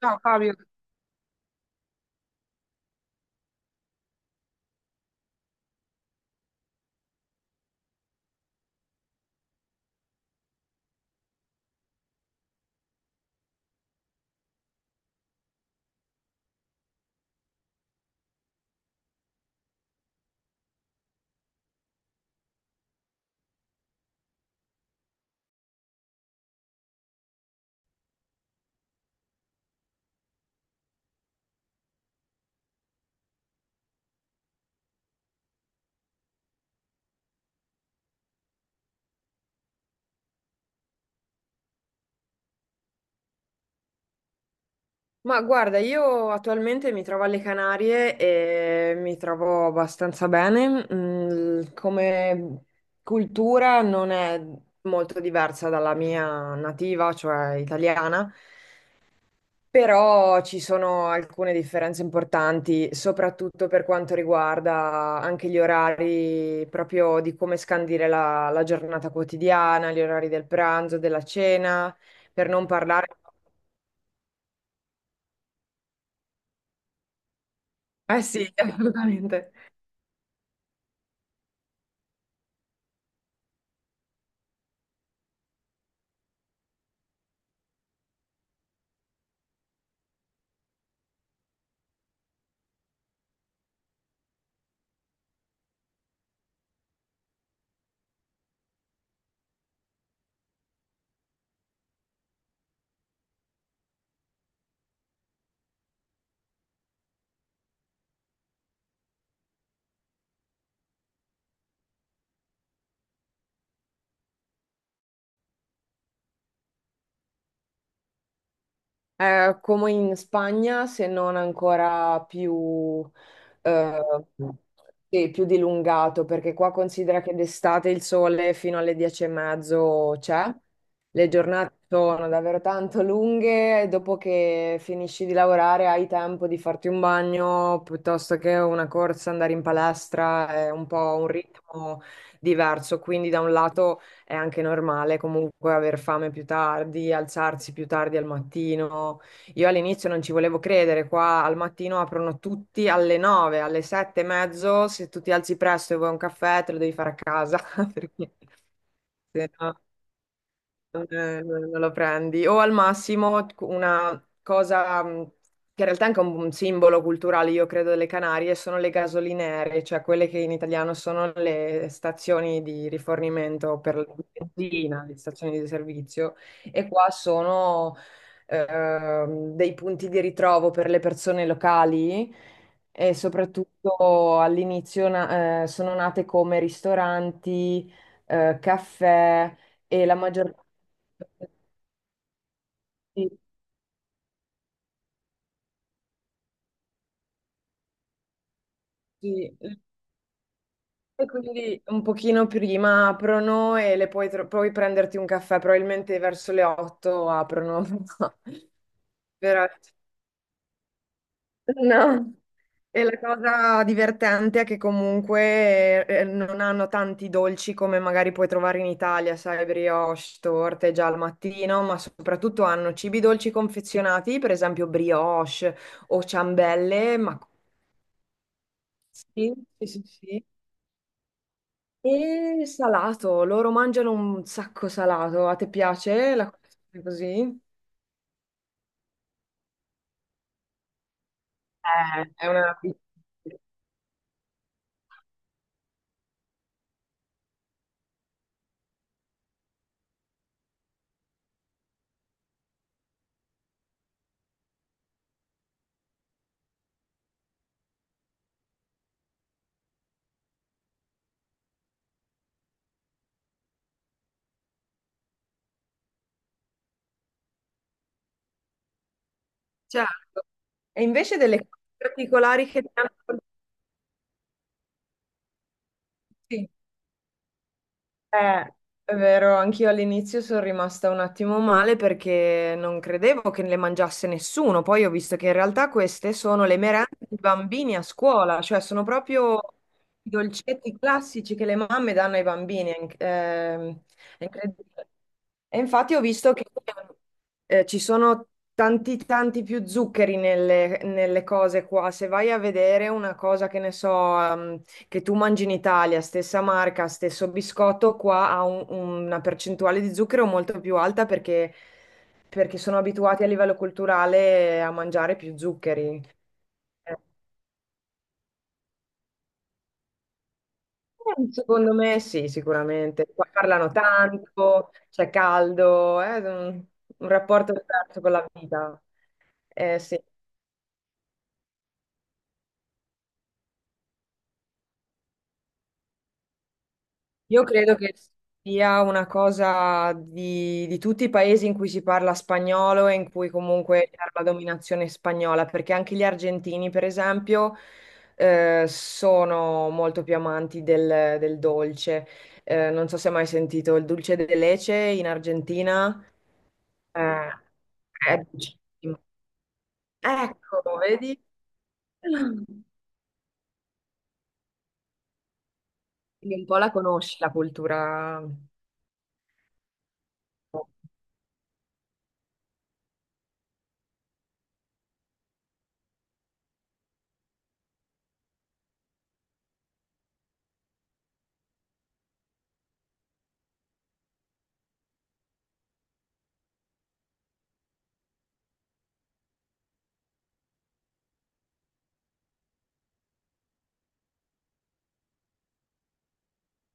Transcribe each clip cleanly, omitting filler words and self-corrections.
Ciao Fabio, ma guarda, io attualmente mi trovo alle Canarie e mi trovo abbastanza bene. Mm, come cultura non è molto diversa dalla mia nativa, cioè italiana, però ci sono alcune differenze importanti, soprattutto per quanto riguarda anche gli orari proprio di come scandire la giornata quotidiana, gli orari del pranzo, della cena, per non parlare... Eh sì, assolutamente. È come in Spagna, se non ancora più, eh, sì, più dilungato, perché qua considera che d'estate il sole fino alle 10 e mezzo c'è, le giornate sono davvero tanto lunghe, e dopo che finisci di lavorare hai tempo di farti un bagno, piuttosto che una corsa, andare in palestra, è un po' un ritmo diverso, quindi da un lato è anche normale comunque aver fame più tardi, alzarsi più tardi al mattino. Io all'inizio non ci volevo credere, qua al mattino aprono tutti alle 9, alle sette e mezzo, se tu ti alzi presto e vuoi un caffè te lo devi fare a casa, perché se no- non, non lo prendi. O al massimo una cosa che in realtà è anche un simbolo culturale, io credo, delle Canarie, sono le gasolinere, cioè quelle che in italiano sono le stazioni di rifornimento per la benzina, le stazioni di servizio, e qua sono dei punti di ritrovo per le persone locali. E soprattutto all'inizio sono nate come ristoranti, caffè, e la maggior sì, sì. E quindi un pochino prima aprono e le puoi, puoi prenderti un caffè, probabilmente verso le 8 aprono. Però, no. E la cosa divertente è che comunque non hanno tanti dolci come magari puoi trovare in Italia, sai, brioche, torte già al mattino, ma soprattutto hanno cibi dolci confezionati, per esempio brioche o ciambelle, ma... Sì, sì, sì, sì. E salato, loro mangiano un sacco salato. A te piace la colazione così? È una... Certo. E invece delle cose particolari che ti hanno... Sì. Eh, è vero, anch'io all'inizio sono rimasta un attimo male perché non credevo che le mangiasse nessuno. Poi ho visto che in realtà queste sono le merende dei bambini a scuola, cioè sono proprio i dolcetti classici che le mamme danno ai bambini. È incredibile. E infatti ho visto che ci sono tanti, tanti più zuccheri nelle cose qua. Se vai a vedere una cosa che ne so, ehm, che tu mangi in Italia, stessa marca, stesso biscotto, qua ha una percentuale di zucchero molto più alta perché sono abituati a livello culturale a mangiare più zuccheri. Eh, Secondo me sì, sicuramente. Qua parlano tanto, c'è caldo, un rapporto diverso con la vita. Sì. Io credo che sia una cosa di tutti i paesi in cui si parla spagnolo e in cui comunque c'era la dominazione spagnola, perché anche gli argentini, per esempio, sono molto più amanti del, del dolce. Non so se hai mai sentito il dulce de leche in Argentina, eh, è dolcissimo. Ecco, vedi? Quindi un po' la conosci la cultura.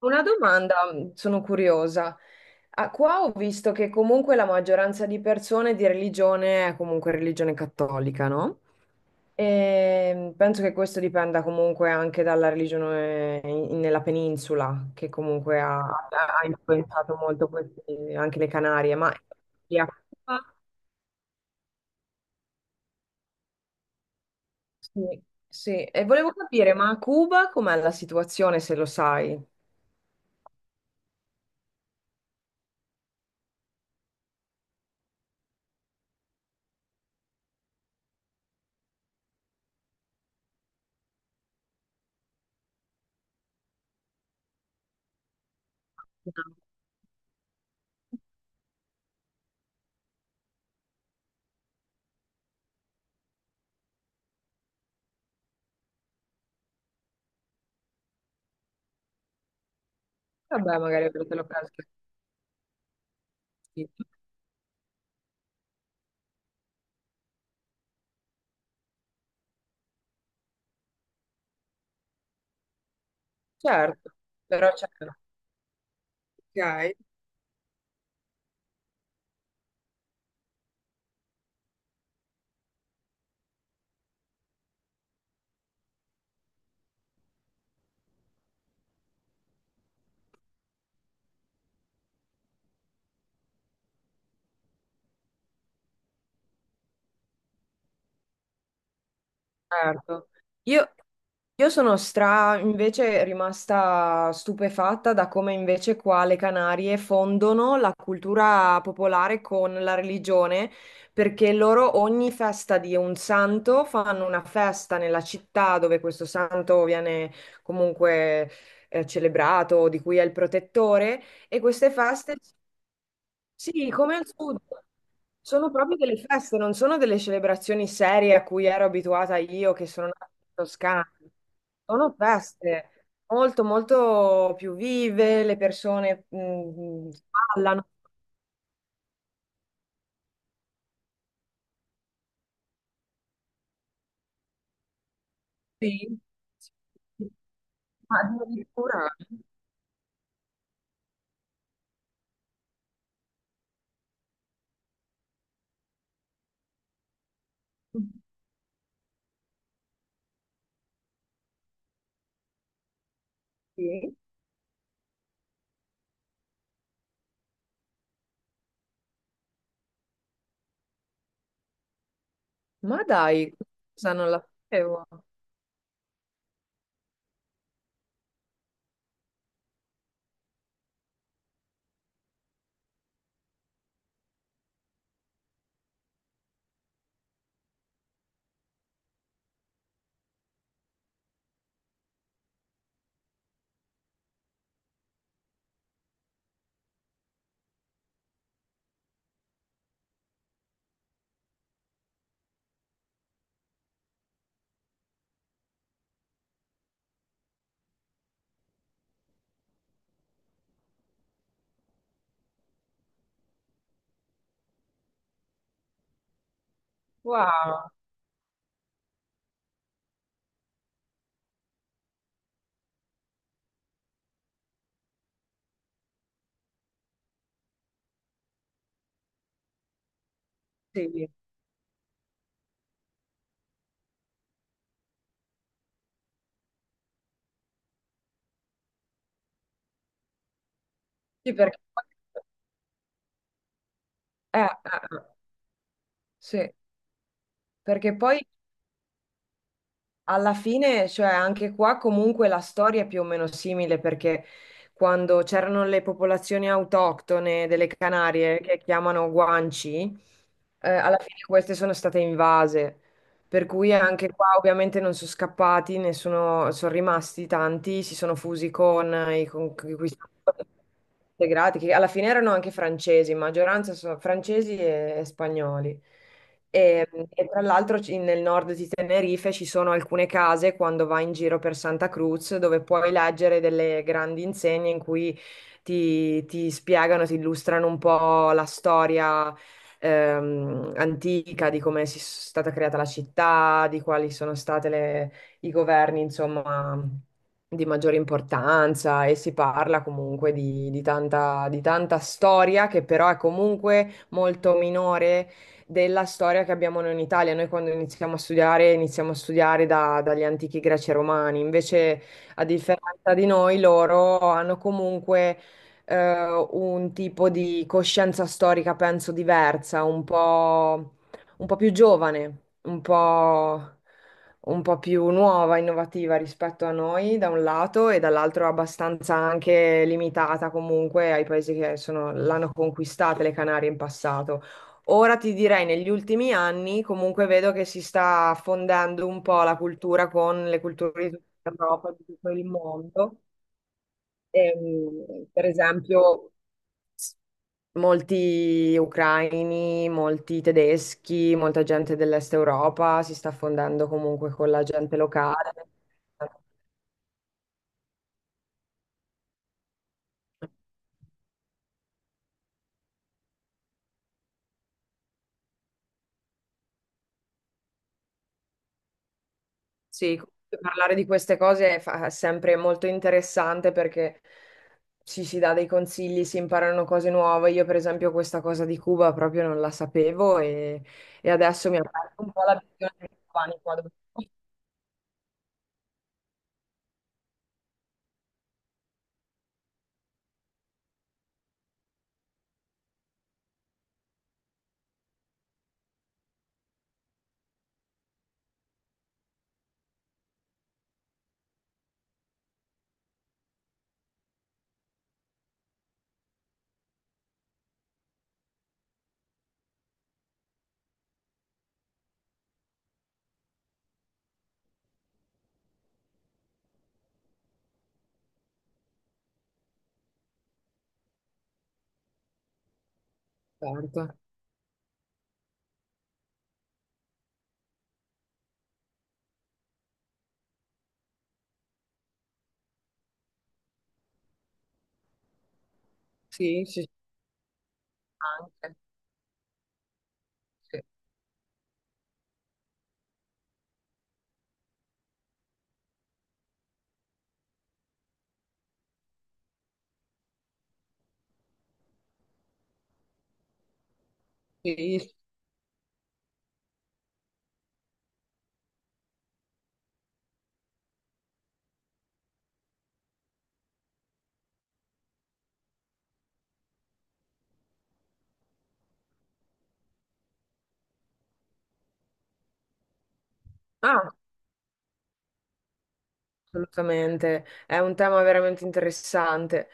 Una domanda, sono curiosa. Ah, qua ho visto che comunque la maggioranza di persone di religione è comunque religione cattolica, no? E penso che questo dipenda comunque anche dalla religione nella penisola, che comunque ha, ha influenzato molto anche le Canarie. Ma lì a Cuba? Sì, sì. E volevo capire, ma a Cuba com'è la situazione, se lo sai? No. Vabbè, magari avete l'occasione. Sì. Certo, però c'è. Ok. Certo. Io, io sono stra invece rimasta stupefatta da come invece qua le Canarie fondono la cultura popolare con la religione, perché loro ogni festa di un santo fanno una festa nella città dove questo santo viene comunque celebrato, di cui è il protettore, e queste feste sì, come al sud. Sono proprio delle feste, non sono delle celebrazioni serie a cui ero abituata io, che sono nata in Toscana. Sono feste molto, molto più vive, le persone mm, ballano, sì. Ma addirittura... Sì. Ma dai, cosa non la sapevo. Wow, sì, sì, perché... eh, eh, eh, sì, perché poi... Alla fine, cioè anche qua comunque la storia è più o meno simile perché quando c'erano le popolazioni autoctone delle Canarie che chiamano Guanci, alla fine queste sono state invase. Per cui anche qua ovviamente non sono scappati, ne sono, sono rimasti tanti, si sono fusi con i conquistatori integrati, che alla fine erano anche francesi, in maggioranza sono francesi e spagnoli. E tra l'altro nel nord di Tenerife ci sono alcune case quando vai in giro per Santa Cruz dove puoi leggere delle grandi insegne in cui ti, ti spiegano, ti illustrano un po' la storia antica di come si è stata creata la città, di quali sono state i governi, insomma, di maggiore importanza e si parla comunque di tanta storia che però è comunque molto minore della storia che abbiamo noi in Italia. Noi quando iniziamo a studiare dagli antichi greci e romani. Invece, a differenza di noi, loro hanno comunque un tipo di coscienza storica, penso, diversa, un po' più giovane, un po' più nuova, innovativa rispetto a noi, da un lato, e dall'altro abbastanza anche limitata comunque ai paesi che l'hanno conquistata, le Canarie in passato. Ora ti direi, negli ultimi anni comunque vedo che si sta fondendo un po' la cultura con le culture di tutta Europa, di tutto il mondo. Per esempio, s- molti ucraini, molti tedeschi, molta gente dell'Est Europa si sta fondendo comunque con la gente locale. Sì, comunque parlare di queste cose è sempre molto interessante perché ci si dà dei consigli, si imparano cose nuove. Io, per esempio, questa cosa di Cuba proprio non la sapevo e adesso mi ha aperto un po' la visione dei cubani qua dove sono. Certo. Sì, sì, sì, anche. Sì. Sì, sì. Ah, assolutamente, è un tema veramente interessante.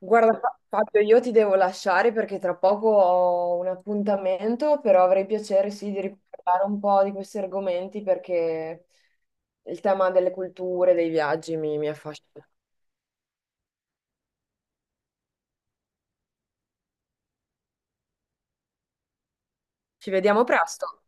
Guarda, Fabio, io ti devo lasciare perché tra poco ho un appuntamento, però avrei piacere sì di riparlare un po' di questi argomenti perché il tema delle culture, dei viaggi mi, mi affascina. Ci vediamo presto.